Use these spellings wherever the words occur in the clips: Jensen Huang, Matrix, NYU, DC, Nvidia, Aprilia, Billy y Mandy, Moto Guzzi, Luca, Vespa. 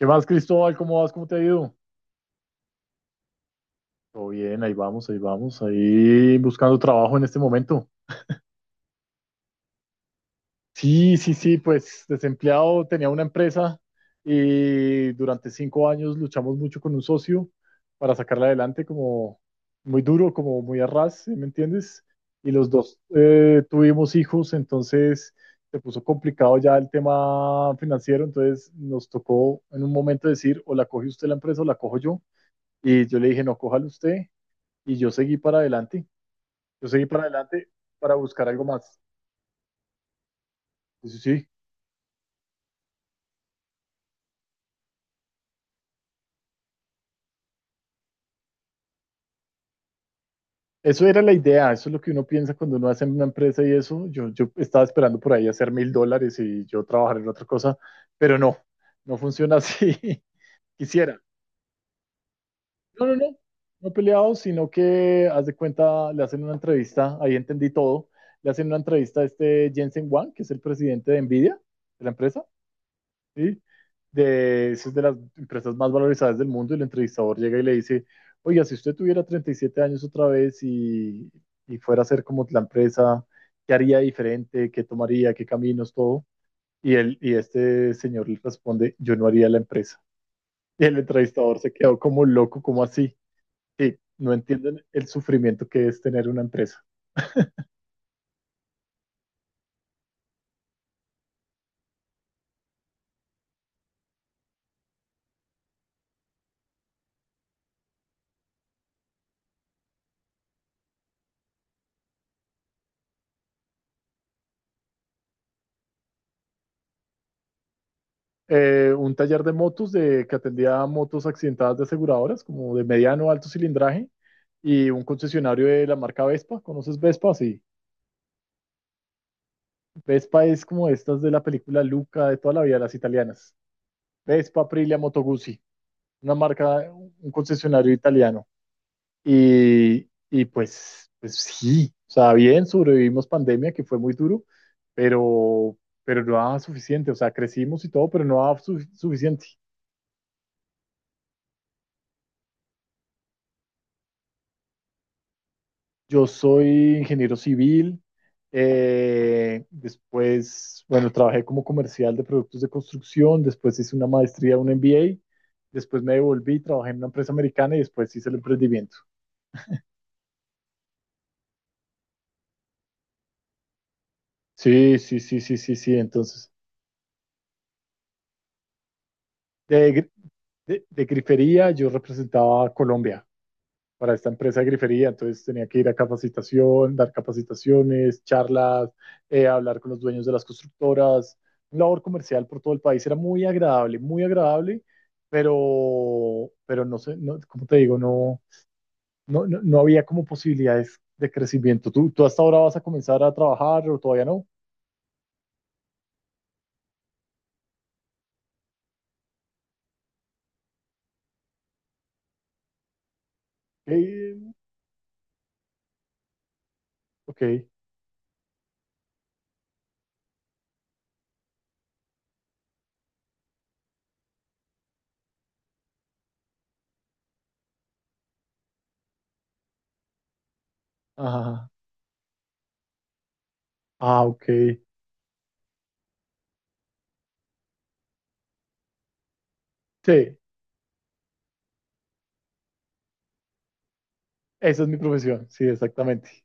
¿Qué más, Cristóbal? ¿Cómo vas? ¿Cómo te ha ido? Todo bien, ahí vamos, ahí vamos, ahí buscando trabajo en este momento. Sí, sí, sí, pues desempleado, tenía una empresa y durante 5 años luchamos mucho con un socio para sacarla adelante como muy duro, como muy a ras, ¿sí? ¿Me entiendes? Y los dos tuvimos hijos, entonces se puso complicado ya el tema financiero, entonces nos tocó en un momento decir, o la coge usted la empresa o la cojo yo. Y yo le dije, no, cójala usted. Y yo seguí para adelante, yo seguí para adelante para buscar algo más. Eso sí, eso era la idea, eso es lo que uno piensa cuando uno hace una empresa y eso. Yo estaba esperando por ahí hacer $1,000 y yo trabajar en otra cosa, pero no, no funciona así. Quisiera. No, no, no, no peleado, sino que, haz de cuenta, le hacen una entrevista, ahí entendí todo, le hacen una entrevista a este Jensen Huang, que es el presidente de Nvidia, de la empresa, ¿sí? De, es de las empresas más valorizadas del mundo y el entrevistador llega y le dice, oiga, si usted tuviera 37 años otra vez y fuera a ser como la empresa, ¿qué haría diferente? ¿Qué tomaría? ¿Qué caminos? Todo. Y este señor le responde, yo no haría la empresa. Y el entrevistador se quedó como loco, como así. Sí, no entienden el sufrimiento que es tener una empresa. Un taller de motos de, que atendía a motos accidentadas de aseguradoras, como de mediano alto cilindraje, y un concesionario de la marca Vespa. ¿Conoces Vespa? Sí. Vespa es como estas de la película Luca de toda la vida, las italianas. Vespa, Aprilia, Moto Guzzi, una marca, un concesionario italiano. Y pues, sí, o sea, bien, sobrevivimos pandemia, que fue muy duro, pero, pero no daba suficiente, o sea, crecimos y todo, pero no daba suficiente. Yo soy ingeniero civil. Después, bueno, trabajé como comercial de productos de construcción. Después hice una maestría, un MBA. Después me devolví, trabajé en una empresa americana y después hice el emprendimiento. Sí, sí, sí, sí, sí, sí. Entonces, de, gri- de grifería yo representaba a Colombia para esta empresa de grifería, entonces tenía que ir a capacitación, dar capacitaciones, charlas, hablar con los dueños de las constructoras, labor comercial por todo el país, era muy agradable, pero, no sé, no, como te digo, no, no, no, no había como posibilidades de crecimiento. ¿Tú, tú hasta ahora vas a comenzar a trabajar o todavía no? Eh, ok, ajá, ah, ok, sí, esa es mi profesión, sí, exactamente.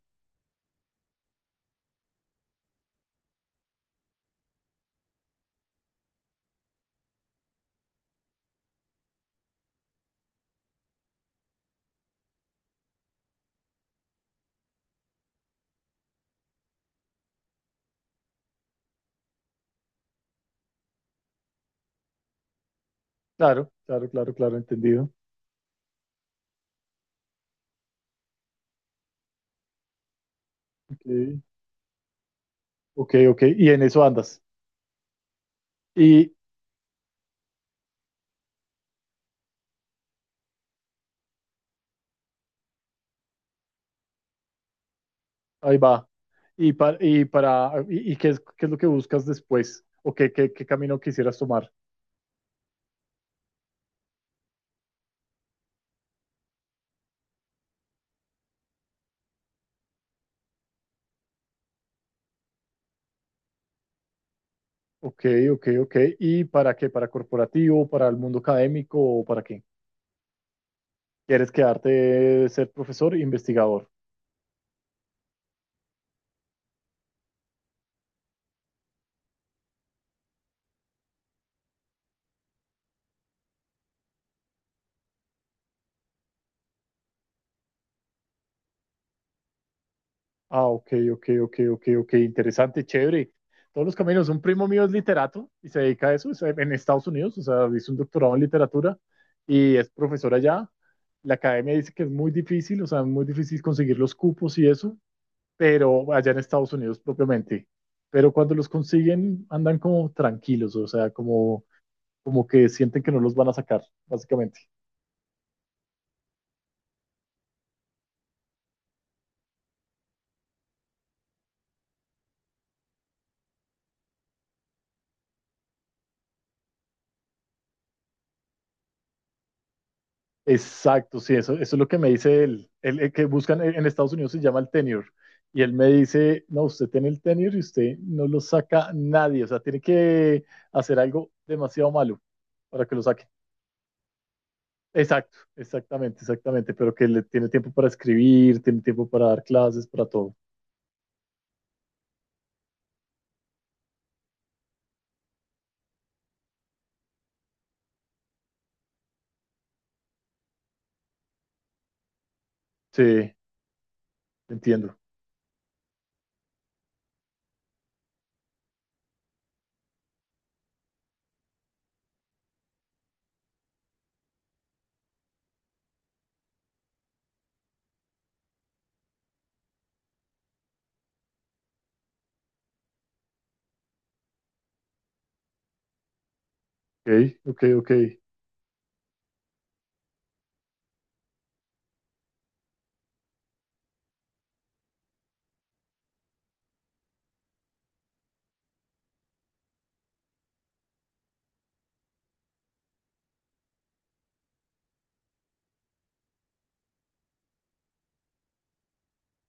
Claro, claro, claro, claro, entendido. Ok. Ok, ok, y en eso andas. Y ahí va. Y para y qué es lo que buscas después? ¿O qué, qué, qué camino quisieras tomar? Ok, ok, ok. ¿Y para qué? ¿Para corporativo, para el mundo académico o para qué? ¿Quieres quedarte ser profesor e investigador? Ah, ok, ok, ok, ok, ok, interesante, chévere. Todos los caminos. Un primo mío es literato y se dedica a eso, es en Estados Unidos, o sea, hizo un doctorado en literatura y es profesor allá. La academia dice que es muy difícil, o sea, muy difícil conseguir los cupos y eso, pero allá en Estados Unidos propiamente. Pero cuando los consiguen, andan como tranquilos, o sea, como, como que sienten que no los van a sacar, básicamente. Exacto, sí, eso es lo que me dice él. Él el que buscan en Estados Unidos se llama el tenure. Y él me dice, no, usted tiene el tenure y usted no lo saca nadie. O sea, tiene que hacer algo demasiado malo para que lo saque. Exacto, exactamente, exactamente. Pero que le tiene tiempo para escribir, tiene tiempo para dar clases, para todo. Sí, entiendo. Ok, ok, ok.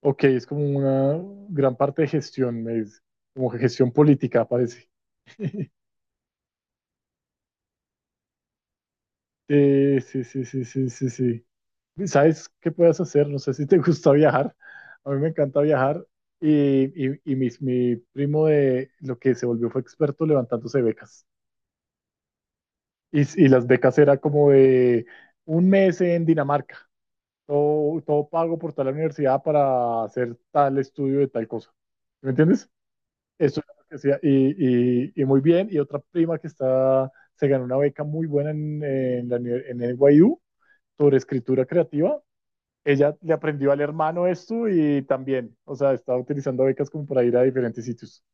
Ok, es como una gran parte de gestión, me dice. Como gestión política, parece. Sí, sí, sí, sí, sí, sí, sí. ¿Sabes qué puedes hacer? No sé si te gusta viajar. A mí me encanta viajar y mi primo de lo que se volvió fue experto levantándose becas. Y las becas era como de un mes en Dinamarca, todo, todo pago por tal universidad para hacer tal estudio de tal cosa. ¿Me entiendes? Eso es lo que hacía. Y muy bien. Y otra prima que está, se ganó una beca muy buena en, en NYU sobre escritura creativa ella le aprendió al hermano esto y también, o sea, estaba utilizando becas como para ir a diferentes sitios.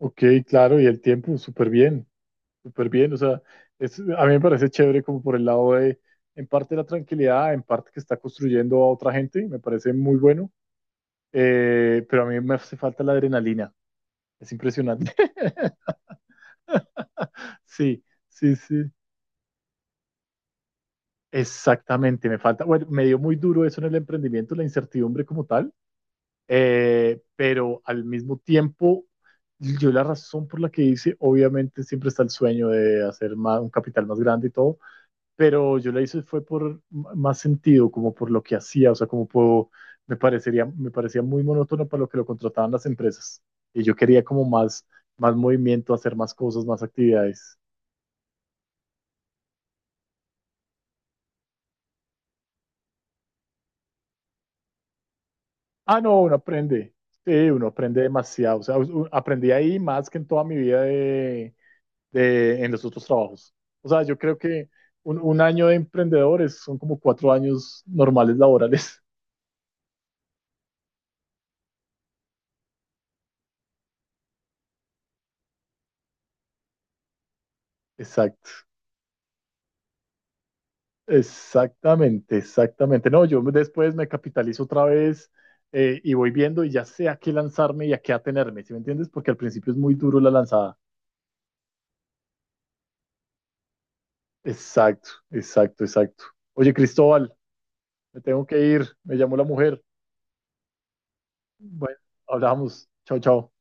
Ok, claro, y el tiempo, súper bien, o sea, es, a mí me parece chévere como por el lado de, en parte la tranquilidad, en parte que está construyendo a otra gente, me parece muy bueno, pero a mí me hace falta la adrenalina, es impresionante. Sí, sí, sí, exactamente, me falta, bueno, me dio muy duro eso en el emprendimiento, la incertidumbre como tal. Pero al mismo tiempo, yo la razón por la que hice, obviamente siempre está el sueño de hacer más, un capital más grande y todo, pero yo la hice fue por más sentido, como por lo que hacía, o sea, como puedo, me parecería, me parecía muy monótono para lo que lo contrataban las empresas. Y yo quería como más, más movimiento, hacer más cosas, más actividades. Ah, no, uno aprende. Sí, uno aprende demasiado. O sea, aprendí ahí más que en toda mi vida de, en los otros trabajos. O sea, yo creo que un año de emprendedores son como 4 años normales laborales. Exacto, exactamente, exactamente. No, yo después me capitalizo otra vez y voy viendo y ya sé a qué lanzarme y a qué atenerme, ¿sí me entiendes? Porque al principio es muy duro la lanzada. Exacto, exacto, exacto. Oye, Cristóbal, me tengo que ir, me llamó la mujer. Bueno, hablamos. Chao, chao.